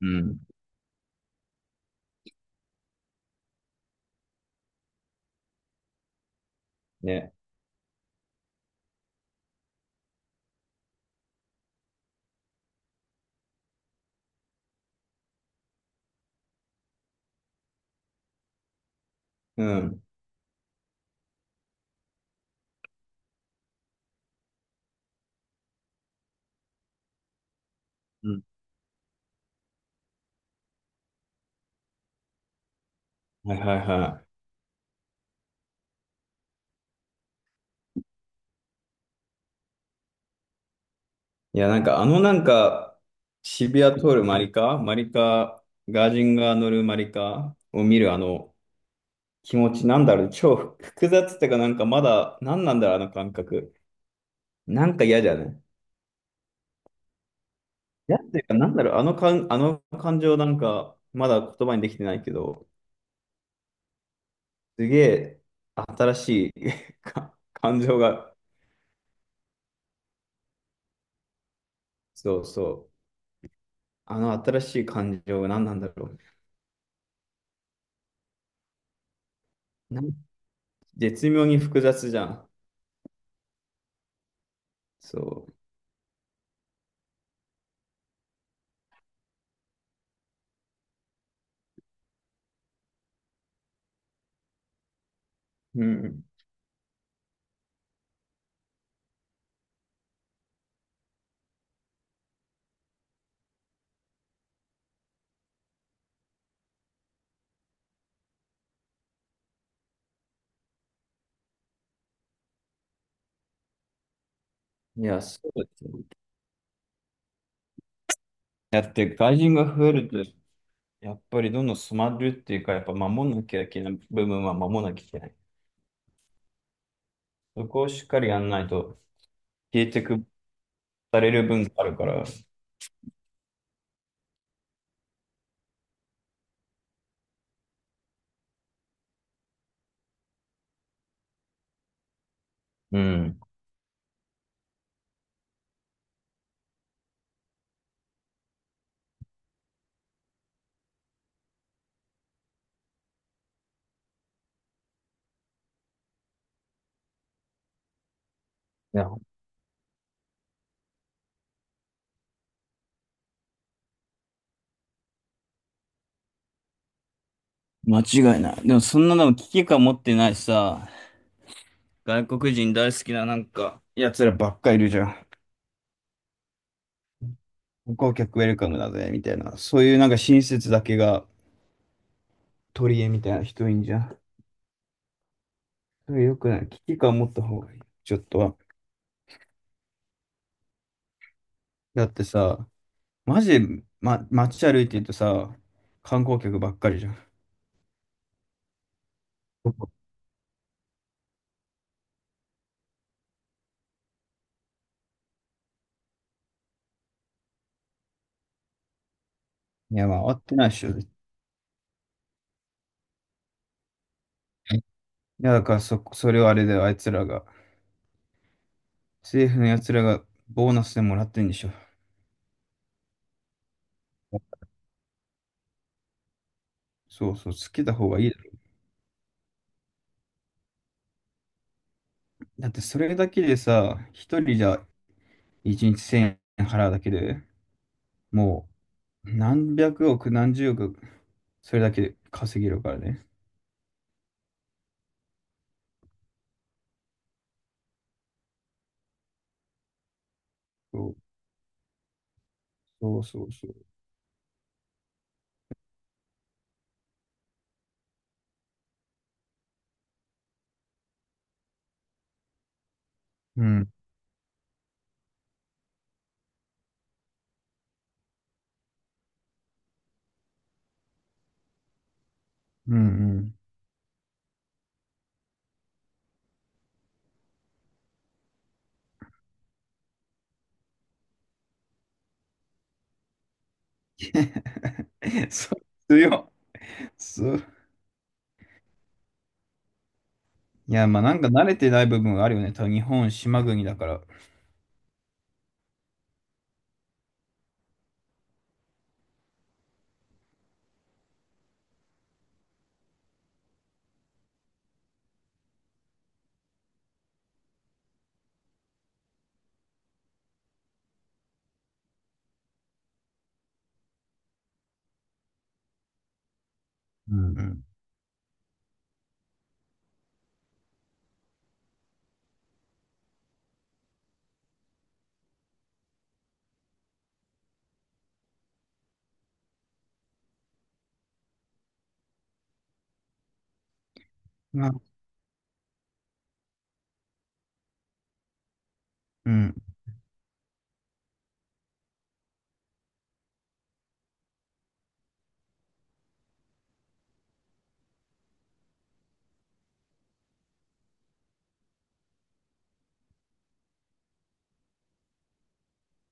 うん。ね。うん。うん。はいはいはい。いや、なんかなんか、渋谷通るマリカ、ガージンが乗るマリカを見るあの気持ち、なんだろう、超複雑っていうか、なんかまだ、なんなんだろう、あの感覚。なんか嫌じゃない嫌っていうか、なんだろう、あの感情なんか、まだ言葉にできてないけど、すげえ新しい か感情が、そうそう、あの新しい感情が何なんだろう。絶妙に複雑じゃん。そう。うん。いや、そうですよね。だって外人が増えると、やっぱりどんどん染まるっていうか、やっぱ守んなきゃいけない部分は守んなきゃいけない。そこをしっかりやんないと、消えてくされる分があるから。うん。いや、間違いない。でもそんなの危機感持ってないさ、外国人大好きななんか、奴らばっかいるじゃん。観光客ウェルカムだぜ、みたいな。そういうなんか親切だけが取り柄みたいな人いんじゃん。それ良くない。危機感持った方がいい。ちょっとは。だってさ、マジで、ま、街歩いてるとさ、観光客ばっかりじゃん。いや、まあ、合ってないっしょ、絶対。いや、だからそれをあれだよ、あいつらが。政府のやつらがボーナスでもらってんでしょ。そうそう、つけた方がいいだろ。だって、それだけでさ、一人じゃ一日千円払うだけで、もう、何百億、何十億、それだけで稼げるからね。そうそうそうそう。うん、うん、うん。そう、強い。そう。いや、まあなんか慣れてない部分があるよね。多分日本、島国だから。うん、うん。まあ、うん、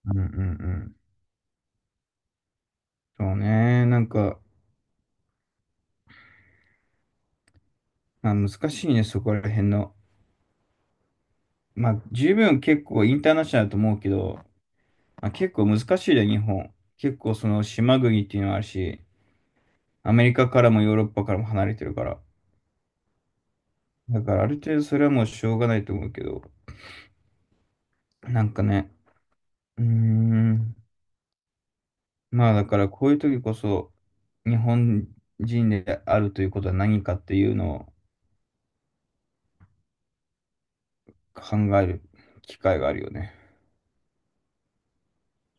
うん、うん、うん。そうね。なんか、まあ難しいね、そこら辺の。まあ十分結構インターナショナルだと思うけど、まあ、結構難しいね、日本。結構その島国っていうのはあるし、アメリカからもヨーロッパからも離れてるから。だからある程度それはもうしょうがないと思うけど、なんかね、うーん。まあだからこういう時こそ日本人であるということは何かっていうのを考える機会があるよね。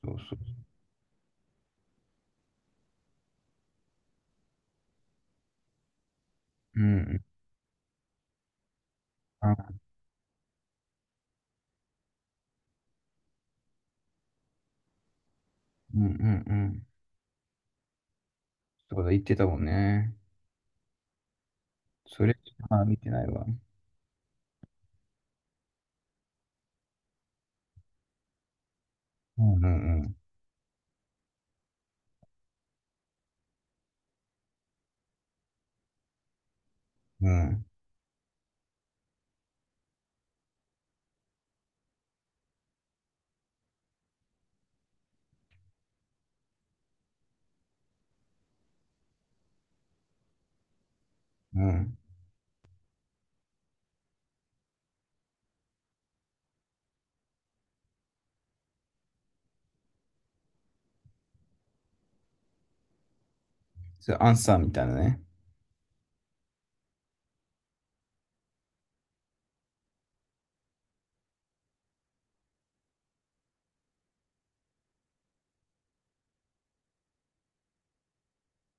そうそう。うん。あ、うんうんうん。そうだ、言ってたもんね。それしか見てないわ。うんうんうん。うんうん。それアンサーみたいなね。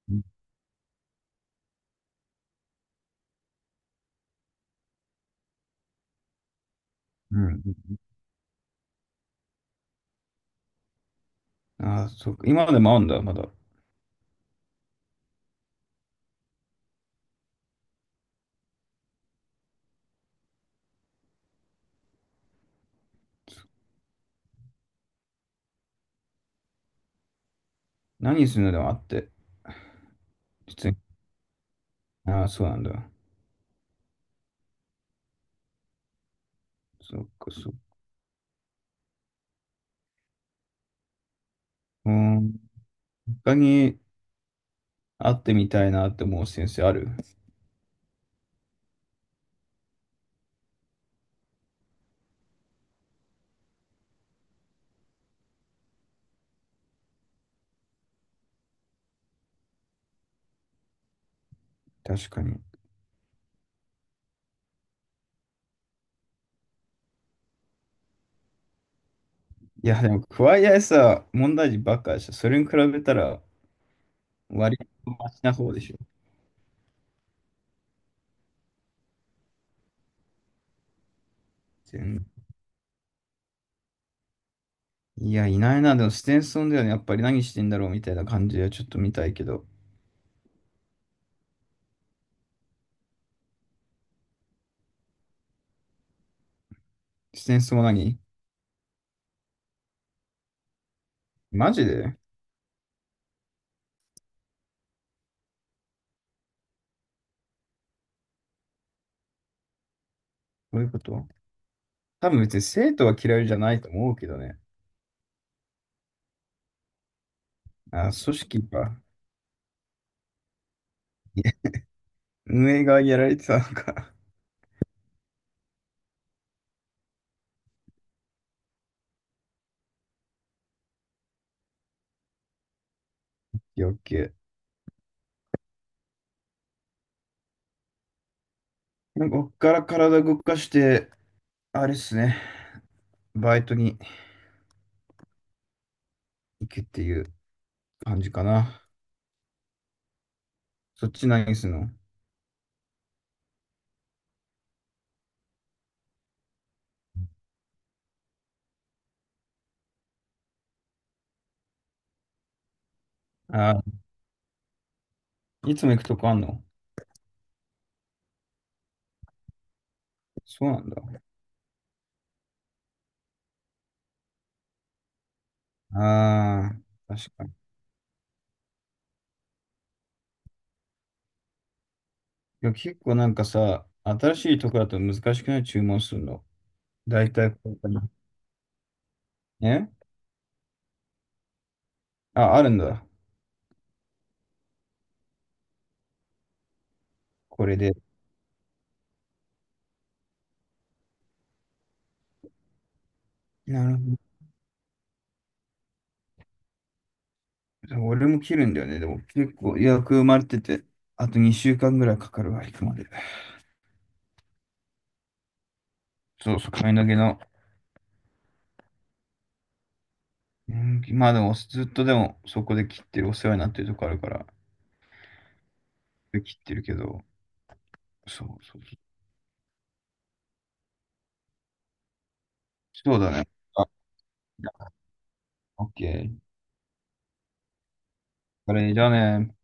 うんうん。うん。ああ、そうか。今までもあるんだ、まだ。何するのでもあって。普通に。ああ、そうなんだ。そっか、そっか。うん。他に会ってみたいなって思う先生ある？確かに。いや、でも、桑井さ問題児ばっかでしょ。それに比べたら、割とマシな方でしょ。全然。いや、いないな。でも、ステンソンだよね。やっぱり何してんだろうみたいな感じはちょっと見たいけど。ステンソンは何？マジで。どういうこと？多分別に生徒は嫌いじゃないと思うけどね。あ、組織か。運営がやられてたのか。余計。なんかこっから体動かして、あれっすね。バイトに行くっていう感じかな。そっち何すんの？あいつも行くとこあんの？そうなんだ。ああ、確かに。いや、結構なんかさ、新しいとこだと難しくない？注文するの。だいたいこれかな。ねあ、あるんだ。これで。なるほど。俺も切るんだよね。でも結構予約埋まれてて、あと2週間ぐらいかかるわ、行くまで。そうそう、髪の毛の。うん、まあでも、ずっとでも、そこで切ってる、お世話になってるとこあるから、切ってるけど、そうそうそう。そうだね。あ、オッケー。これじゃあね。